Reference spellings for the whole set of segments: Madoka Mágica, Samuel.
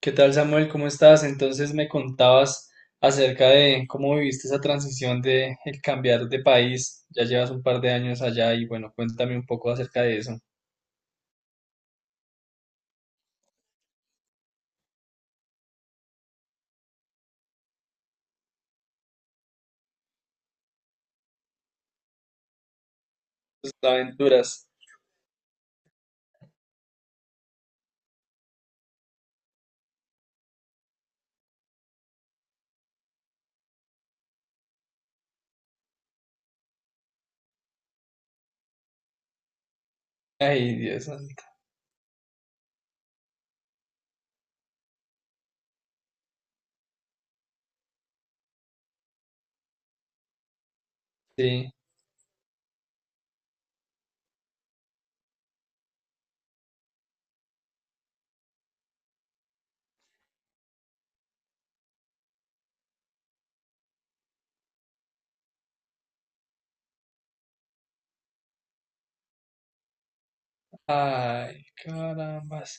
¿Qué tal, Samuel? ¿Cómo estás? Entonces me contabas acerca de cómo viviste esa transición de el cambiar de país. Ya llevas un par de años allá y bueno, cuéntame un poco acerca de eso. Tus aventuras. Ay, Dios santo. Sí. Ay, carambas.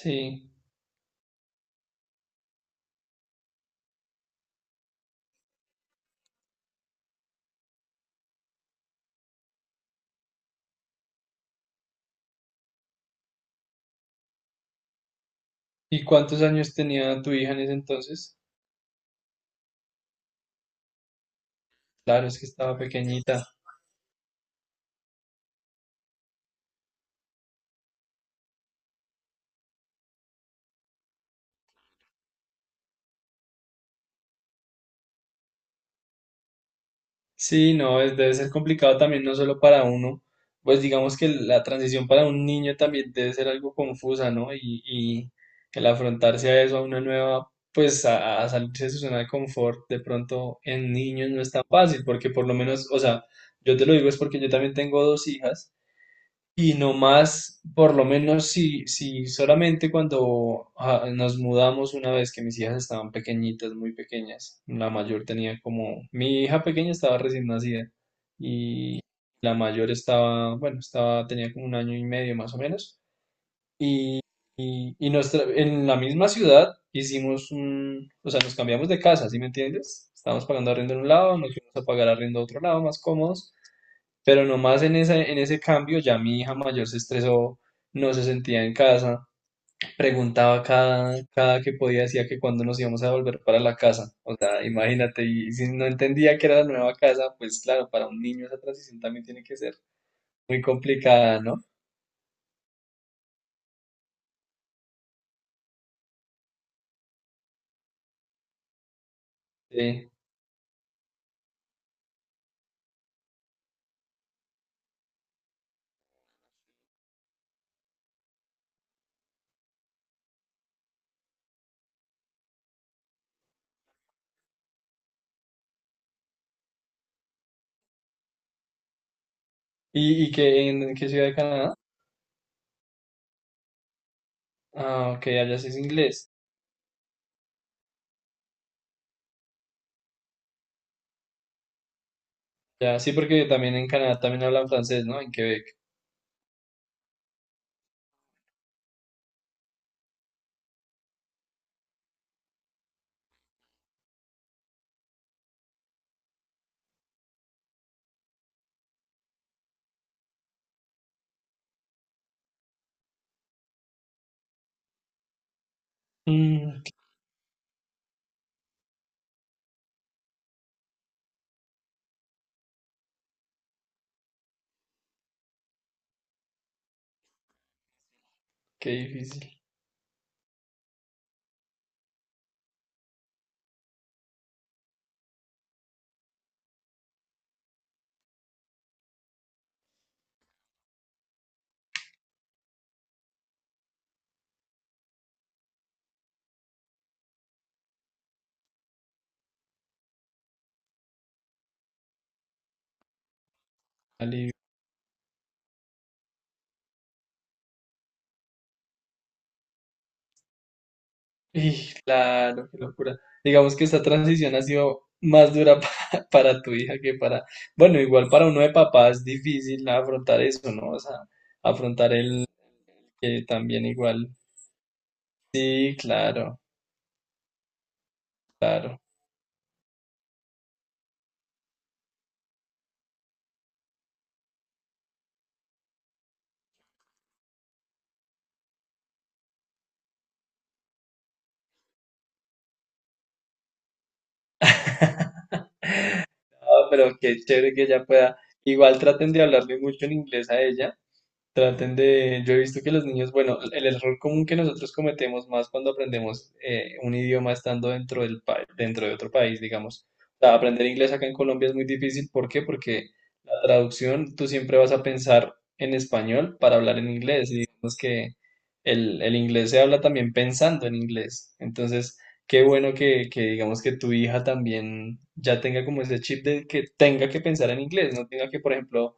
Sí. ¿Y cuántos años tenía tu hija en ese entonces? Claro, es que estaba pequeñita. Sí, no, es, debe ser complicado también, no solo para uno, pues digamos que la transición para un niño también debe ser algo confusa, ¿no? Y el afrontarse a eso, a una nueva, pues a salirse de su zona de confort, de pronto en niños no es tan fácil, porque por lo menos, o sea, yo te lo digo es porque yo también tengo dos hijas y no más, por lo menos si, si solamente cuando nos mudamos una vez que mis hijas estaban pequeñitas, muy pequeñas, la mayor tenía como, mi hija pequeña estaba recién nacida y la mayor estaba, bueno, estaba, tenía como un año y medio más o menos. Y nos tra- en la misma ciudad hicimos un, o sea, nos cambiamos de casa, ¿sí me entiendes? Estábamos pagando arriendo en un lado, nos fuimos a pagar arriendo a otro lado, más cómodos. Pero nomás en ese cambio ya mi hija mayor se estresó, no se sentía en casa, preguntaba cada, cada que podía, decía que cuándo nos íbamos a volver para la casa. O sea, imagínate, y si no entendía que era la nueva casa, pues claro, para un niño esa transición también tiene que ser muy complicada, ¿no? Sí. Y qué, en qué ciudad de Canadá? Ah, ok, allá sí es inglés. Ya, sí, porque también en Canadá también hablan francés, ¿no? En Quebec. Mm, qué difícil. Vale. Y claro, qué locura. Digamos que esta transición ha sido más dura pa- para, tu hija que para, bueno, igual para uno de papá es difícil afrontar eso, ¿no? O sea, afrontar el que también igual. Sí, claro, claro. Ah, pero qué chévere que ella pueda. Igual traten de hablarle mucho en inglés a ella. Traten de, yo he visto que los niños, bueno, el error común que nosotros cometemos más cuando aprendemos un idioma estando dentro del pa- dentro de otro país, digamos. O sea, aprender inglés acá en Colombia es muy difícil. ¿Por qué? Porque la traducción, tú siempre vas a pensar en español para hablar en inglés. Y digamos que el inglés se habla también pensando en inglés. Entonces, qué bueno que digamos que tu hija también ya tenga como ese chip de que tenga que pensar en inglés, no tenga que, por ejemplo,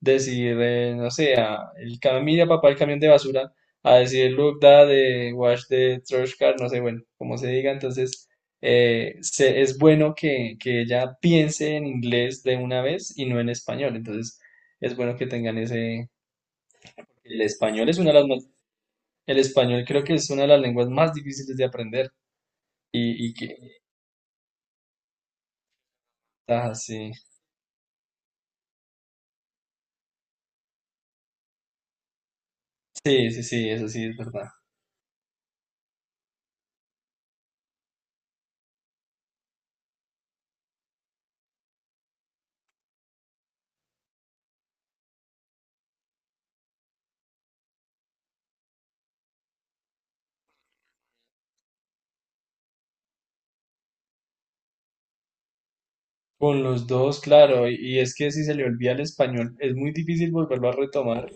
decir, no sé, a el camilla papá, el camión de basura, a decir look that, wash the trash car, no sé, bueno, como se diga, entonces se- es bueno que ella piense en inglés de una vez y no en español, entonces es bueno que tengan ese, el español es una de las, más- el español creo que es una de las lenguas más difíciles de aprender y que, ah, sí, sí, sí, sí, eso sí es verdad. Con los dos, claro, y es que si se le olvida el español, es muy difícil volverlo a retomar.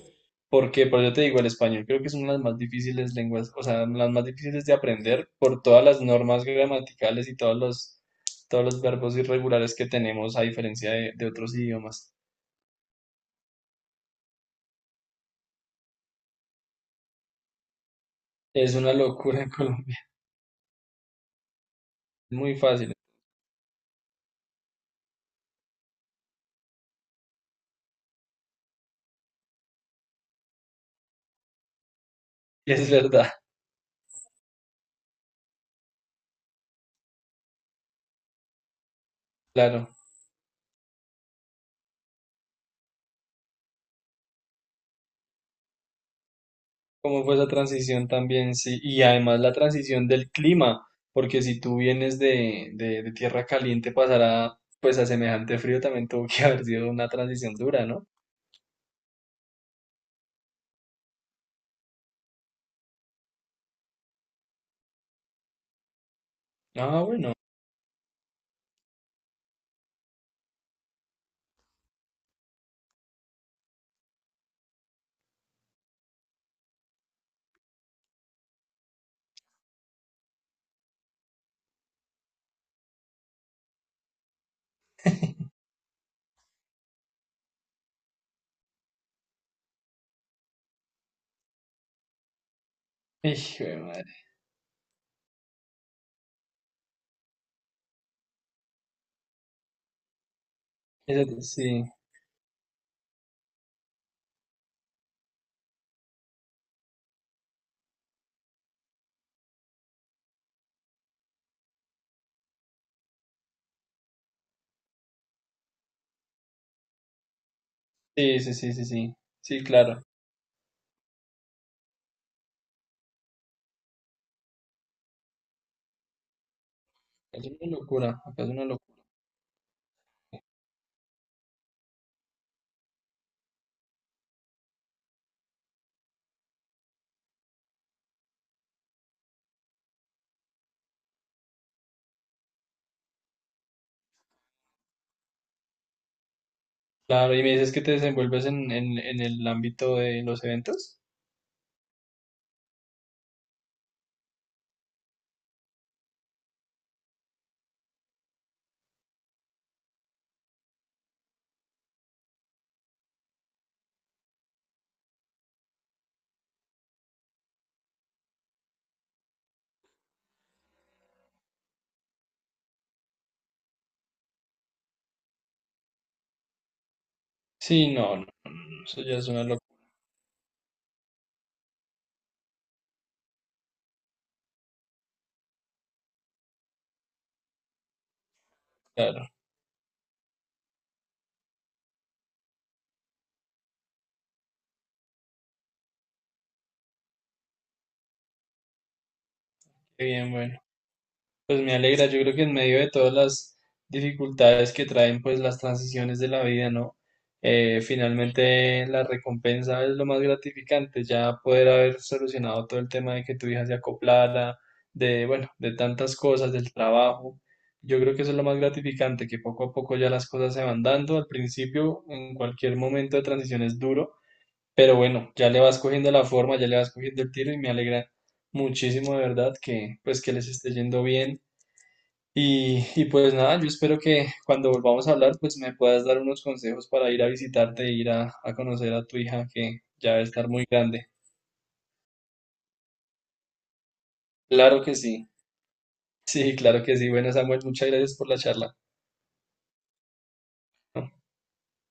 Porque, pero yo te digo, el español creo que es una de las más difíciles lenguas, o sea, las más difíciles de aprender por todas las normas gramaticales y todos los verbos irregulares que tenemos a diferencia de otros idiomas. Es una locura en Colombia, es muy fácil, es verdad, claro. ¿Cómo fue esa transición también? Sí, y además la transición del clima, porque si tú vienes de tierra caliente pasará pues a semejante frío también tuvo que haber sido una transición dura, ¿no? Ah, bueno. Hijo de madre. Esa- sí. Sí, sí, sí, sí, sí, sí, claro. Es una locura, acá es una locura. Claro, y me dices que te desenvuelves en el ámbito de los eventos. Sí, no, no, no, no, eso ya es una locura, claro. Qué bien, bueno. Pues me alegra, yo creo que en medio de todas las dificultades que traen pues las transiciones de la vida, ¿no? Finalmente la recompensa es lo más gratificante, ya poder haber solucionado todo el tema de que tu hija se acoplara, de, bueno, de tantas cosas, del trabajo. Yo creo que eso es lo más gratificante, que poco a poco ya las cosas se van dando. Al principio, en cualquier momento de transición es duro, pero bueno, ya le vas cogiendo la forma, ya le vas cogiendo el tiro y me alegra muchísimo de verdad que pues que les esté yendo bien y pues nada, yo espero que cuando volvamos a hablar, pues me puedas dar unos consejos para ir a visitarte, ir a conocer a tu hija que ya va a estar muy grande. Claro que sí. Sí, claro que sí. Bueno, Samuel, muchas gracias por la charla.